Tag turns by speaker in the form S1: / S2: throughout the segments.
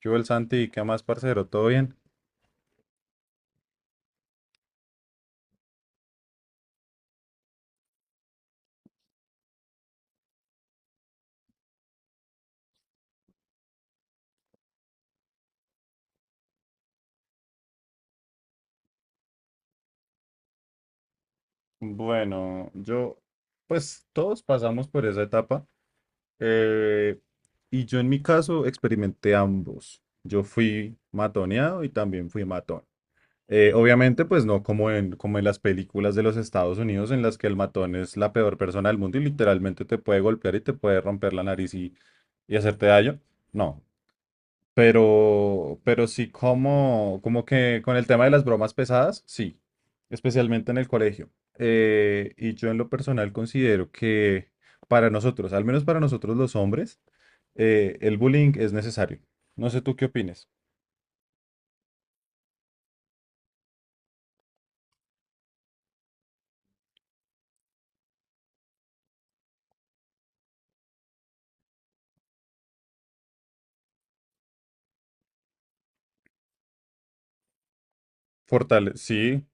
S1: ¿Qué hubo el Santi? ¿Qué más, parcero? ¿Todo bien? Bueno, yo, pues todos pasamos por esa etapa. Eh, y yo en mi caso experimenté ambos. Yo fui matoneado y también fui matón. Obviamente, pues no como en, las películas de los Estados Unidos en las que el matón es la peor persona del mundo y literalmente te puede golpear y te puede romper la nariz y hacerte daño. No, pero sí como que con el tema de las bromas pesadas, sí, especialmente en el colegio. Y yo en lo personal considero que para nosotros, al menos para nosotros los hombres, el bullying es necesario. No sé tú qué opines. Sí.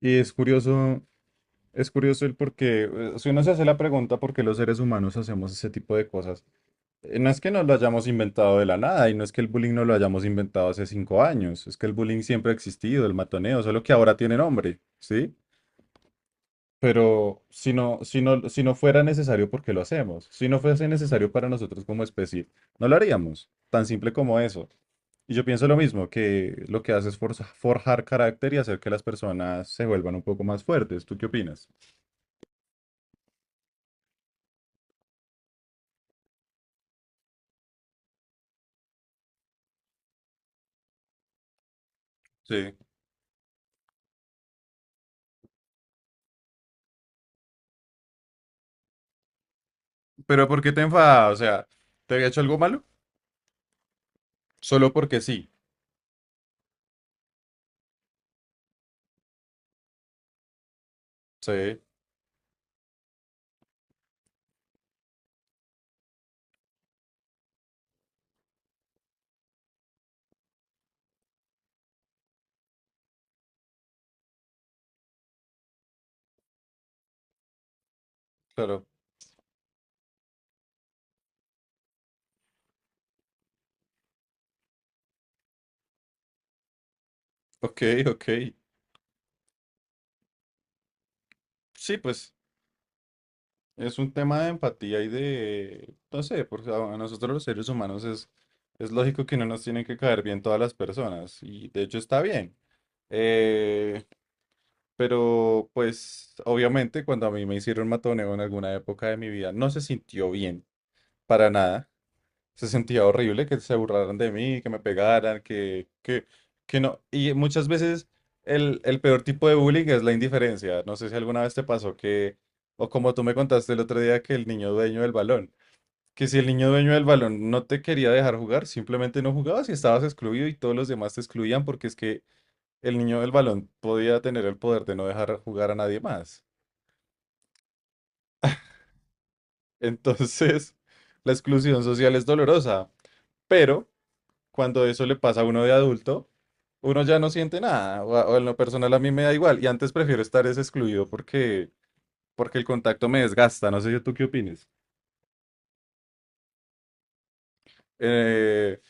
S1: Y es curioso el por qué, si uno se hace la pregunta por qué los seres humanos hacemos ese tipo de cosas, no es que nos lo hayamos inventado de la nada y no es que el bullying no lo hayamos inventado hace 5 años, es que el bullying siempre ha existido, el matoneo, solo que ahora tiene nombre, ¿sí? Pero si no fuera necesario, ¿por qué lo hacemos? Si no fuese necesario para nosotros como especie, no lo haríamos. Tan simple como eso. Y yo pienso lo mismo, que lo que hace es forjar carácter y hacer que las personas se vuelvan un poco más fuertes. ¿Tú qué opinas? Sí. Pero ¿por qué te enfadas? O sea, ¿te había hecho algo malo? Solo porque sí. Sí, claro. Ok, ok. Sí, pues es un tema de empatía y de, no sé, porque a nosotros los seres humanos es lógico que no nos tienen que caer bien todas las personas. Y de hecho está bien. Eh, Pero pues obviamente cuando a mí me hicieron matoneo en alguna época de mi vida no se sintió bien para nada. Se sentía horrible que se burlaran de mí, que me pegaran, que no. Y muchas veces el peor tipo de bullying es la indiferencia. No sé si alguna vez te pasó que, o como tú me contaste el otro día, que el niño dueño del balón, que si el niño dueño del balón no te quería dejar jugar, simplemente no jugabas y estabas excluido y todos los demás te excluían porque es que el niño del balón podía tener el poder de no dejar jugar a nadie más. Entonces, la exclusión social es dolorosa, pero cuando eso le pasa a uno de adulto, uno ya no siente nada, o en lo personal a mí me da igual, y antes prefiero estar es excluido porque, porque el contacto me desgasta, no sé yo tú qué opines. Eh,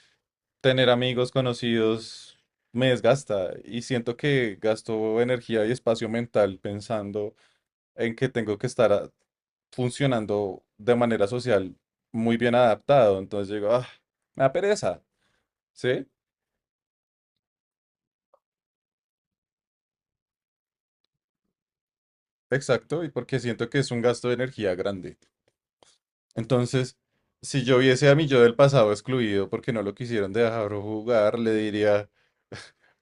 S1: tener amigos conocidos me desgasta y siento que gasto energía y espacio mental pensando en que tengo que estar funcionando de manera social muy bien adaptado. Entonces digo, ah, me da pereza. Sí, exacto, y porque siento que es un gasto de energía grande. Entonces, si yo viese a mi yo del pasado excluido porque no lo quisieron dejar jugar, le diría,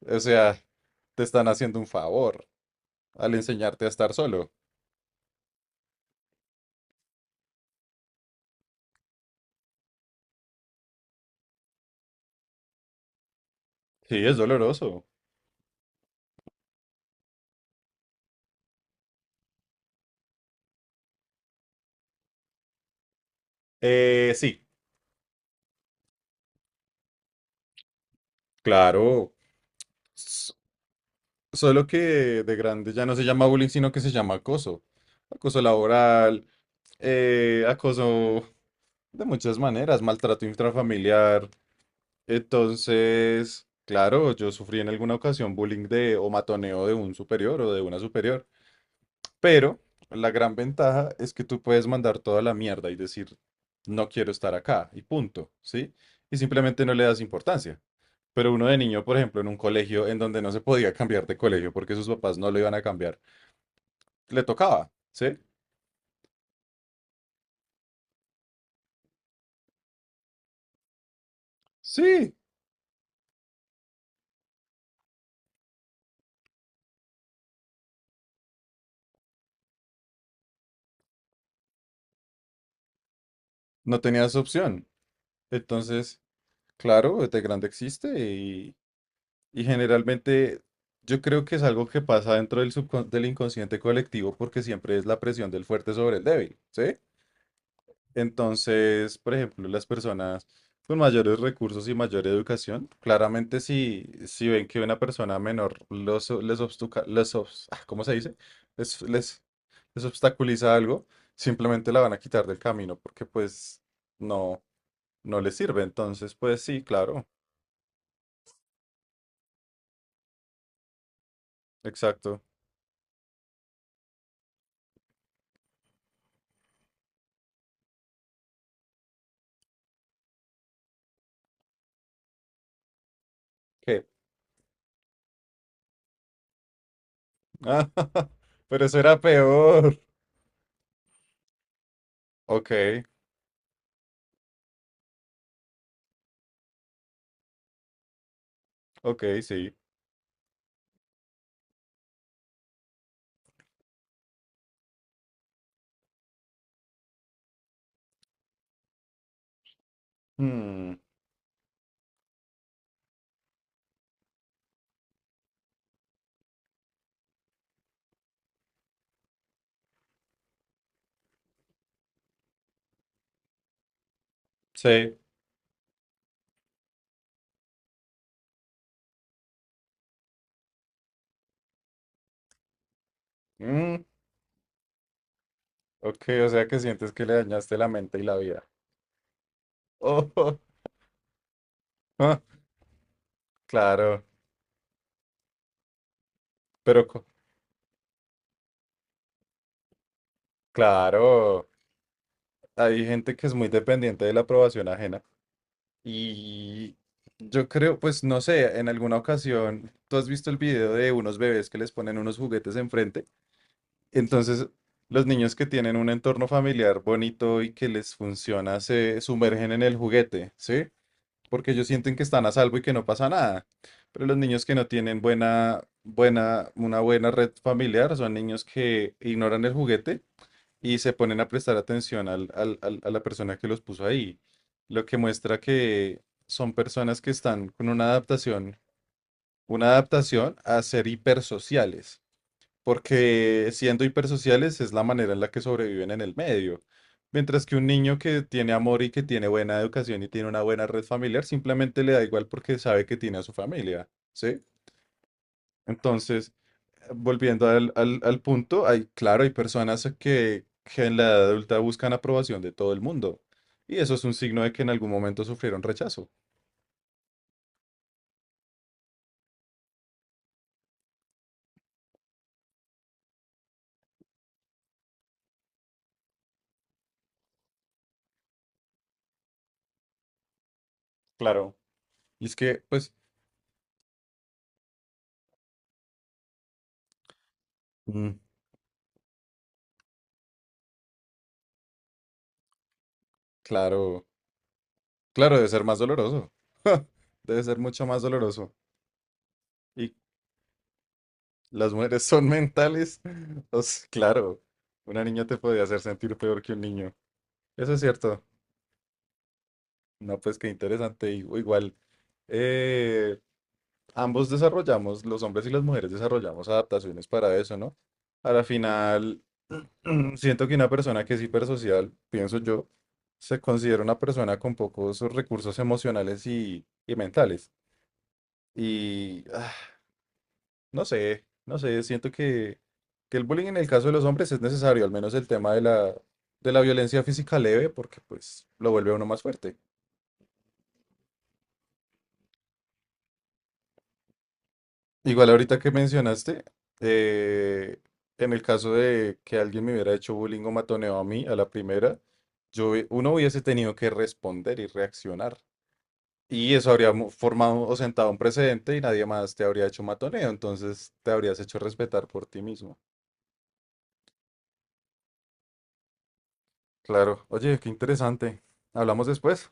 S1: o sea, te están haciendo un favor al enseñarte a estar solo. Sí, es doloroso. Sí, claro. Solo que de grande ya no se llama bullying, sino que se llama acoso. Acoso laboral, acoso de muchas maneras, maltrato intrafamiliar. Entonces, claro, yo sufrí en alguna ocasión bullying de o matoneo de un superior o de una superior, pero la gran ventaja es que tú puedes mandar toda la mierda y decir, no quiero estar acá y punto, ¿sí? Y simplemente no le das importancia. Pero uno de niño, por ejemplo, en un colegio en donde no se podía cambiar de colegio porque sus papás no lo iban a cambiar le tocaba, ¿sí? Sí, no tenías opción. Entonces, claro, este grande existe y generalmente yo creo que es algo que pasa dentro del inconsciente colectivo porque siempre es la presión del fuerte sobre el débil, ¿sí? Entonces, por ejemplo, las personas con mayores recursos y mayor educación, claramente si ven que una persona menor los, les, ¿cómo se dice? Les, les, les obstaculiza algo, simplemente la van a quitar del camino porque pues no, no les sirve. Entonces, pues sí, claro, exacto. ¿Qué? Ah, pero eso era peor. Ok, ok, sí. Mm, sí. Mm, ok, o sea que sientes que le dañaste la mente y la vida. Oh, ah, claro, pero co- claro, hay gente que es muy dependiente de la aprobación ajena y yo creo, pues no sé, en alguna ocasión, tú has visto el video de unos bebés que les ponen unos juguetes enfrente, entonces los niños que tienen un entorno familiar bonito y que les funciona se sumergen en el juguete, ¿sí? Porque ellos sienten que están a salvo y que no pasa nada. Pero los niños que no tienen buena, una buena red familiar son niños que ignoran el juguete y se ponen a prestar atención a la persona que los puso ahí. Lo que muestra que son personas que están con una adaptación a ser hipersociales porque siendo hipersociales es la manera en la que sobreviven en el medio. Mientras que un niño que tiene amor y que tiene buena educación y tiene una buena red familiar, simplemente le da igual porque sabe que tiene a su familia, ¿sí? Entonces, volviendo al, al punto, hay, claro, hay personas que en la edad adulta buscan aprobación de todo el mundo. Y eso es un signo de que en algún momento sufrieron rechazo. Claro. Y es que, pues, mm, claro, claro, debe ser más doloroso. Debe ser mucho más doloroso. y Las mujeres son mentales. O sea, claro, una niña te podía hacer sentir peor que un niño. Eso es cierto. No, pues qué interesante. Igual, eh, ambos desarrollamos, los hombres y las mujeres desarrollamos adaptaciones para eso, ¿no? A la final, siento que una persona que es hipersocial, pienso yo, se considera una persona con pocos recursos emocionales y mentales. Y ah, no sé, siento que el bullying en el caso de los hombres es necesario, al menos el tema de la violencia física leve, porque pues lo vuelve a uno más fuerte. Igual ahorita que mencionaste, eh, en el caso de que alguien me hubiera hecho bullying o matoneo a mí a la primera, yo, uno hubiese tenido que responder y reaccionar. Y eso habría formado o sentado un precedente y nadie más te habría hecho matoneo, entonces te habrías hecho respetar por ti mismo. Claro, oye, qué interesante. Hablamos después.